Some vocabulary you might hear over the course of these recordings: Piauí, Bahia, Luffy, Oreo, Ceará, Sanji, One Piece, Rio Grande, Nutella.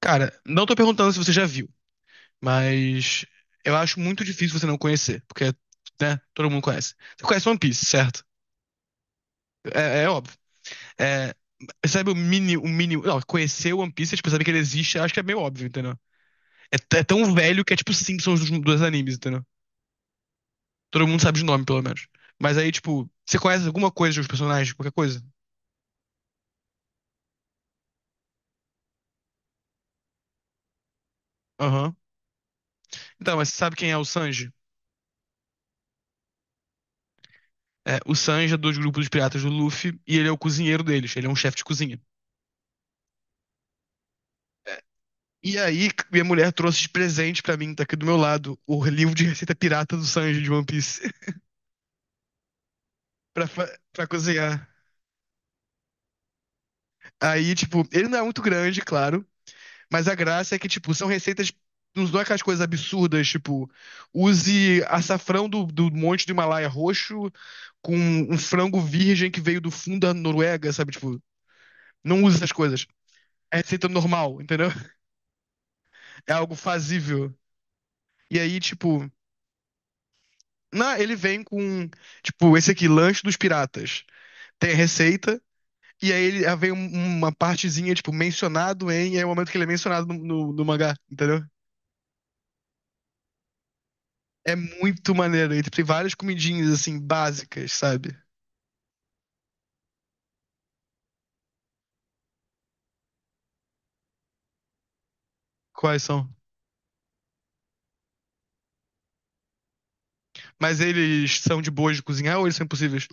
Cara, não tô perguntando se você já viu, mas eu acho muito difícil você não conhecer, porque, né, todo mundo conhece. Você conhece One Piece, certo? É, é óbvio. É, sabe o mini, não, conhecer One Piece, tipo, saber que ele existe, acho que é meio óbvio, entendeu? É, é tão velho que é tipo Simpsons dos animes, entendeu? Todo mundo sabe de nome, pelo menos. Mas aí, tipo, você conhece alguma coisa dos personagens, qualquer coisa? Aham. Então, mas você sabe quem é o Sanji? É, o Sanji é dos grupos dos piratas do Luffy e ele é o cozinheiro deles, ele é um chefe de cozinha. E aí, minha mulher trouxe de presente pra mim, tá aqui do meu lado, o livro de receita pirata do Sanji de One Piece pra, pra cozinhar. Aí, tipo, ele não é muito grande, claro, mas a graça é que, tipo, são receitas. Não são aquelas coisas absurdas, tipo, use açafrão do monte do Himalaia roxo com um frango virgem que veio do fundo da Noruega, sabe? Tipo, não use essas coisas. É receita normal, entendeu? É algo fazível. E aí, tipo, ele vem com, tipo, esse aqui, lanche dos piratas. Tem a receita, e aí ele aí vem uma partezinha, tipo, mencionado em, e é o momento que ele é mencionado no mangá, entendeu? É muito maneiro. E tem várias comidinhas, assim, básicas, sabe? Quais são? Mas eles são de boas de cozinhar ou eles são impossíveis?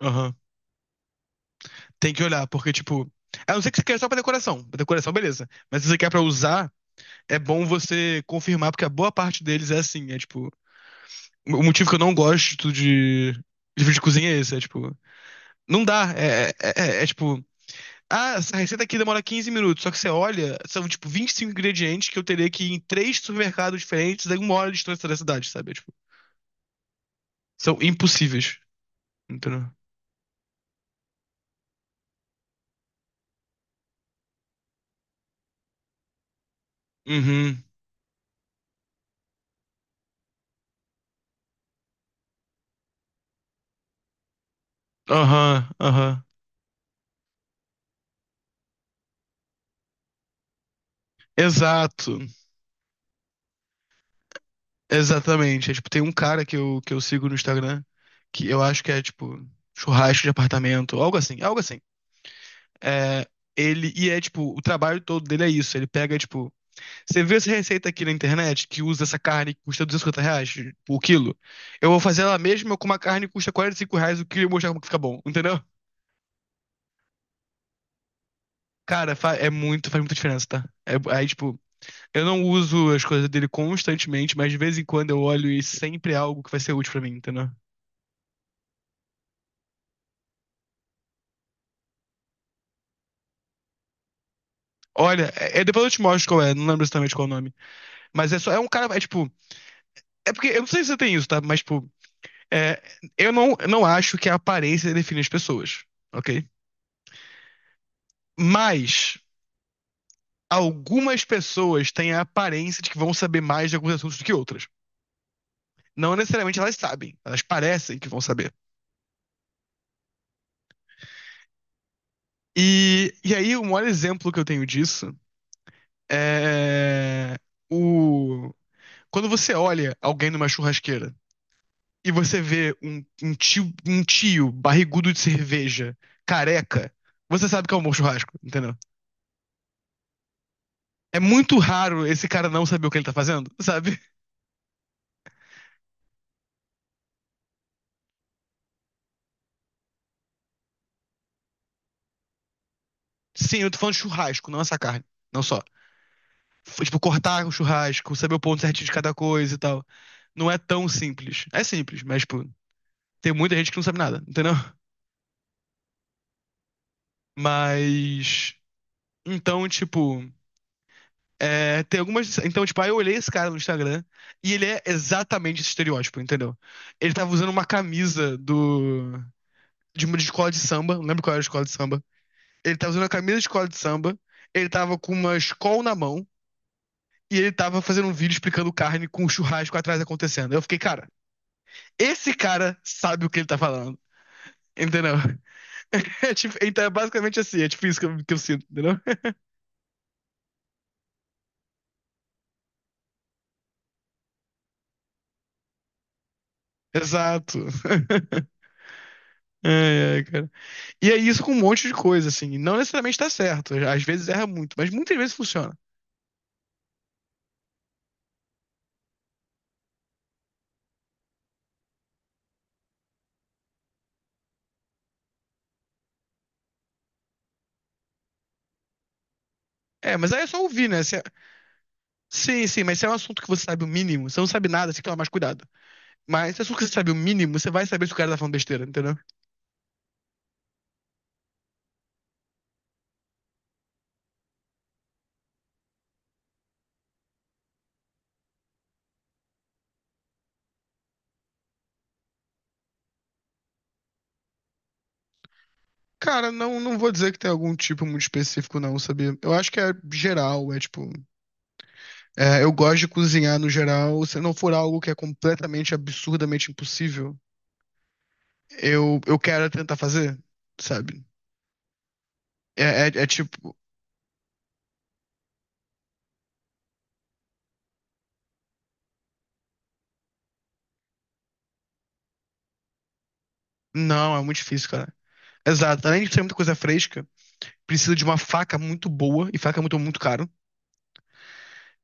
Aham. Tem que olhar, porque, tipo. A não ser que você queira só pra decoração. Pra decoração, beleza. Mas se você quer pra usar, é bom você confirmar, porque a boa parte deles é assim. É tipo. O motivo que eu não gosto de livro de cozinha é esse. É tipo. Não dá. Tipo. Ah, essa receita aqui demora 15 minutos. Só que você olha, são tipo 25 ingredientes que eu teria que ir em três supermercados diferentes a uma hora de distância da cidade, sabe? É, tipo, são impossíveis. Entendeu? Uhum. Aham, aham. Exato. Exatamente. É, tipo, tem um cara que eu sigo no Instagram que eu acho que é tipo churrasco de apartamento, algo assim, algo assim. É, e é tipo, o trabalho todo dele é isso. Ele pega, tipo, você viu essa receita aqui na internet que usa essa carne que custa R$ 250 por quilo? Eu vou fazer ela mesma com uma carne que custa R$ 45 o quilo e mostrar como que fica bom, entendeu? Cara, é muito, faz muita diferença, tá? É, aí, tipo, eu não uso as coisas dele constantemente, mas de vez em quando eu olho e sempre é algo que vai ser útil pra mim, entendeu? Olha, depois eu te mostro qual é, não lembro exatamente qual é o nome. Mas é só, é um cara, é tipo, é porque, eu não sei se você tem isso, tá? Mas, tipo, é, eu não acho que a aparência define as pessoas, ok? Mas algumas pessoas têm a aparência de que vão saber mais de alguns assuntos do que outras. Não necessariamente elas sabem, elas parecem que vão saber. E aí, o maior exemplo que eu tenho disso é o. Quando você olha alguém numa churrasqueira e você vê um tio barrigudo de cerveja, careca, você sabe que é um bom churrasco, entendeu? É muito raro esse cara não saber o que ele tá fazendo, sabe? Sim, eu tô falando de churrasco, não essa carne, não só. Tipo, cortar o churrasco, saber o ponto certinho de cada coisa e tal. Não é tão simples. É simples, mas, tipo, tem muita gente que não sabe nada, entendeu? Mas. Então, tipo. É, tem algumas. Então, tipo, aí eu olhei esse cara no Instagram e ele é exatamente esse estereótipo, entendeu? Ele tava usando uma camisa do. De uma de escola de samba, não lembro qual era a escola de samba. Ele tava usando a camisa de escola de samba, ele tava com uma escola na mão e ele tava fazendo um vídeo explicando carne com o churrasco atrás acontecendo. Eu fiquei, cara. Esse cara sabe o que ele tá falando. Entendeu? É tipo, então é basicamente assim, é tipo isso que eu sinto, entendeu? Exato. É, é, cara. E é isso com um monte de coisa, assim. Não necessariamente tá certo. Às vezes erra muito, mas muitas vezes funciona. É, mas aí é só ouvir, né? Se é- Sim, sim, mas se é um assunto que você sabe o mínimo, você não sabe nada, você tem que tomar mais cuidado. Mas se a você sabe o mínimo, você vai saber se o cara tá falando besteira, entendeu? Cara, não, não vou dizer que tem algum tipo muito específico, não, sabia? Eu acho que é geral, é tipo. É, eu gosto de cozinhar no geral. Se não for algo que é completamente, absurdamente impossível, eu quero tentar fazer, sabe? É tipo. Não, é muito difícil, cara. Exato. Além de ser muita coisa fresca. Precisa de uma faca muito boa, e faca é muito, muito caro.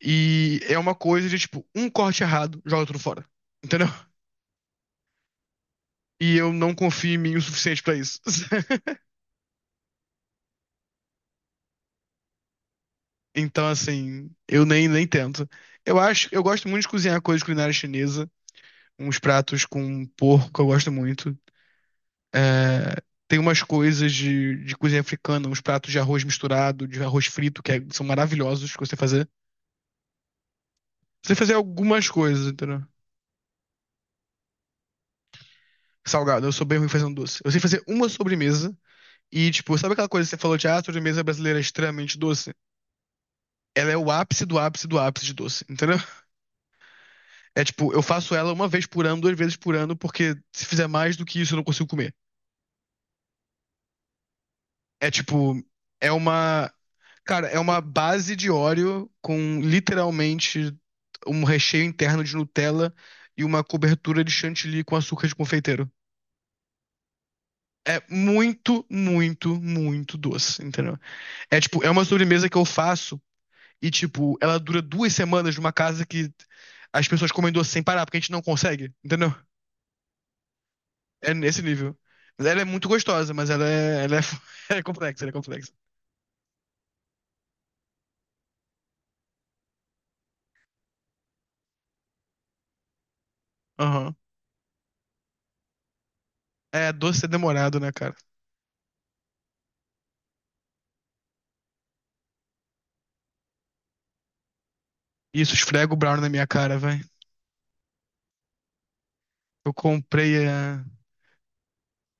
E é uma coisa de, tipo, um corte errado, joga tudo fora. Entendeu? E eu não confio em mim o suficiente pra isso. Então, assim, eu nem, nem tento. Eu acho, eu gosto muito de cozinhar coisas culinária chinesa, uns pratos com porco, eu gosto muito. É, tem umas coisas de cozinha africana, uns pratos de arroz misturado, de arroz frito, são maravilhosos que eu sei fazer. Eu sei fazer algumas coisas, entendeu? Salgado, eu sou bem ruim fazendo doce. Eu sei fazer uma sobremesa. E, tipo, sabe aquela coisa que você falou de ah, a sobremesa brasileira é extremamente doce? Ela é o ápice do ápice do ápice de doce, entendeu? É tipo, eu faço ela uma vez por ano, duas vezes por ano, porque se fizer mais do que isso eu não consigo comer. É tipo, é uma. Cara, é uma base de Oreo com literalmente um recheio interno de Nutella e uma cobertura de chantilly com açúcar de confeiteiro. É muito, muito, muito doce, entendeu? É tipo, é uma sobremesa que eu faço. E, tipo, ela dura duas semanas numa casa que as pessoas comem doce sem parar, porque a gente não consegue, entendeu? É nesse nível. Mas ela é muito gostosa, mas ela é complexa, ela é complexa. Aham. É, doce é demorado, né, cara? Isso, esfrega o brownie na minha cara, vai. Eu comprei a.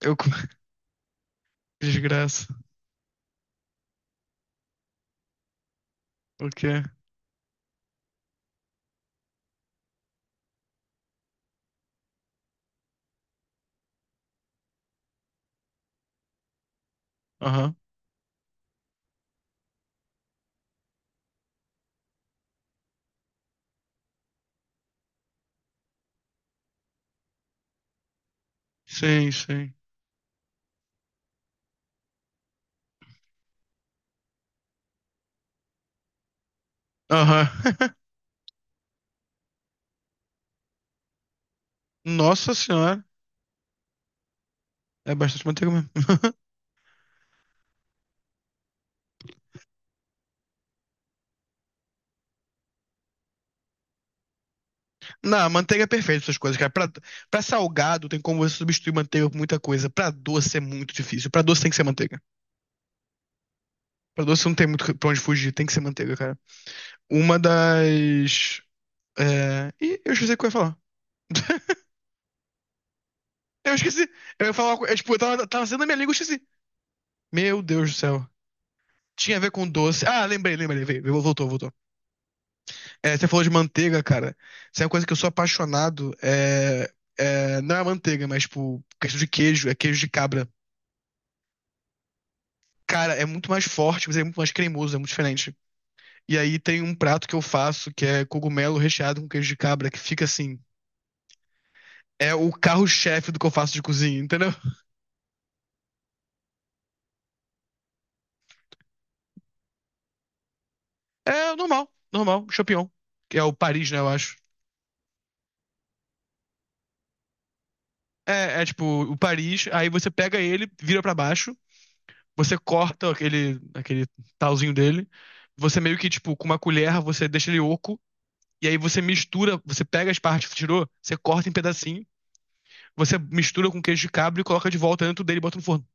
Eu... Desgraça. O quê? Aham. Sim, sim. Aham. Nossa senhora. É bastante manteiga mesmo. Não, manteiga é perfeita essas coisas, cara. Pra, pra salgado tem como você substituir manteiga por muita coisa. Pra doce é muito difícil. Pra doce tem que ser manteiga. Pra doce não tem muito pra onde fugir, tem que ser manteiga, cara. Uma das. É... Ih, eu esqueci o que eu ia falar. Eu esqueci. Eu ia falar. Eu, tipo, tava sendo a minha língua, eu esqueci. Meu Deus do céu. Tinha a ver com doce. Ah, lembrei, lembrei. Voltou, voltou. É, você falou de manteiga, cara. Isso é uma coisa que eu sou apaixonado. Não é manteiga, mas, tipo, questão de queijo, é queijo de cabra. Cara, é muito mais forte, mas é muito mais cremoso, é muito diferente. E aí tem um prato que eu faço que é cogumelo recheado com queijo de cabra, que fica assim. É o carro-chefe do que eu faço de cozinha, entendeu? É normal, normal, champignon. Que é o Paris, né, eu acho. É, é tipo o Paris, aí você pega ele, vira pra baixo, você corta aquele, talzinho dele, você meio que, tipo, com uma colher, você deixa ele oco, e aí você mistura, você pega as partes que você tirou, você corta em pedacinho, você mistura com queijo de cabra e coloca de volta dentro dele e bota no forno.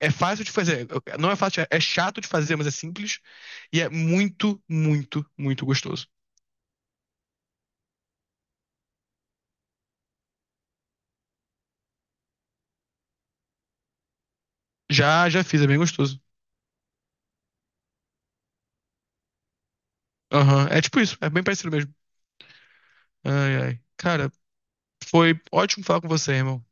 É fácil de fazer. Não é fácil, é chato de fazer, mas é simples. E é muito, muito, muito gostoso. Já fiz, é bem gostoso. Aham, é tipo isso, é bem parecido mesmo. Ai, ai. Cara, foi ótimo falar com você, irmão.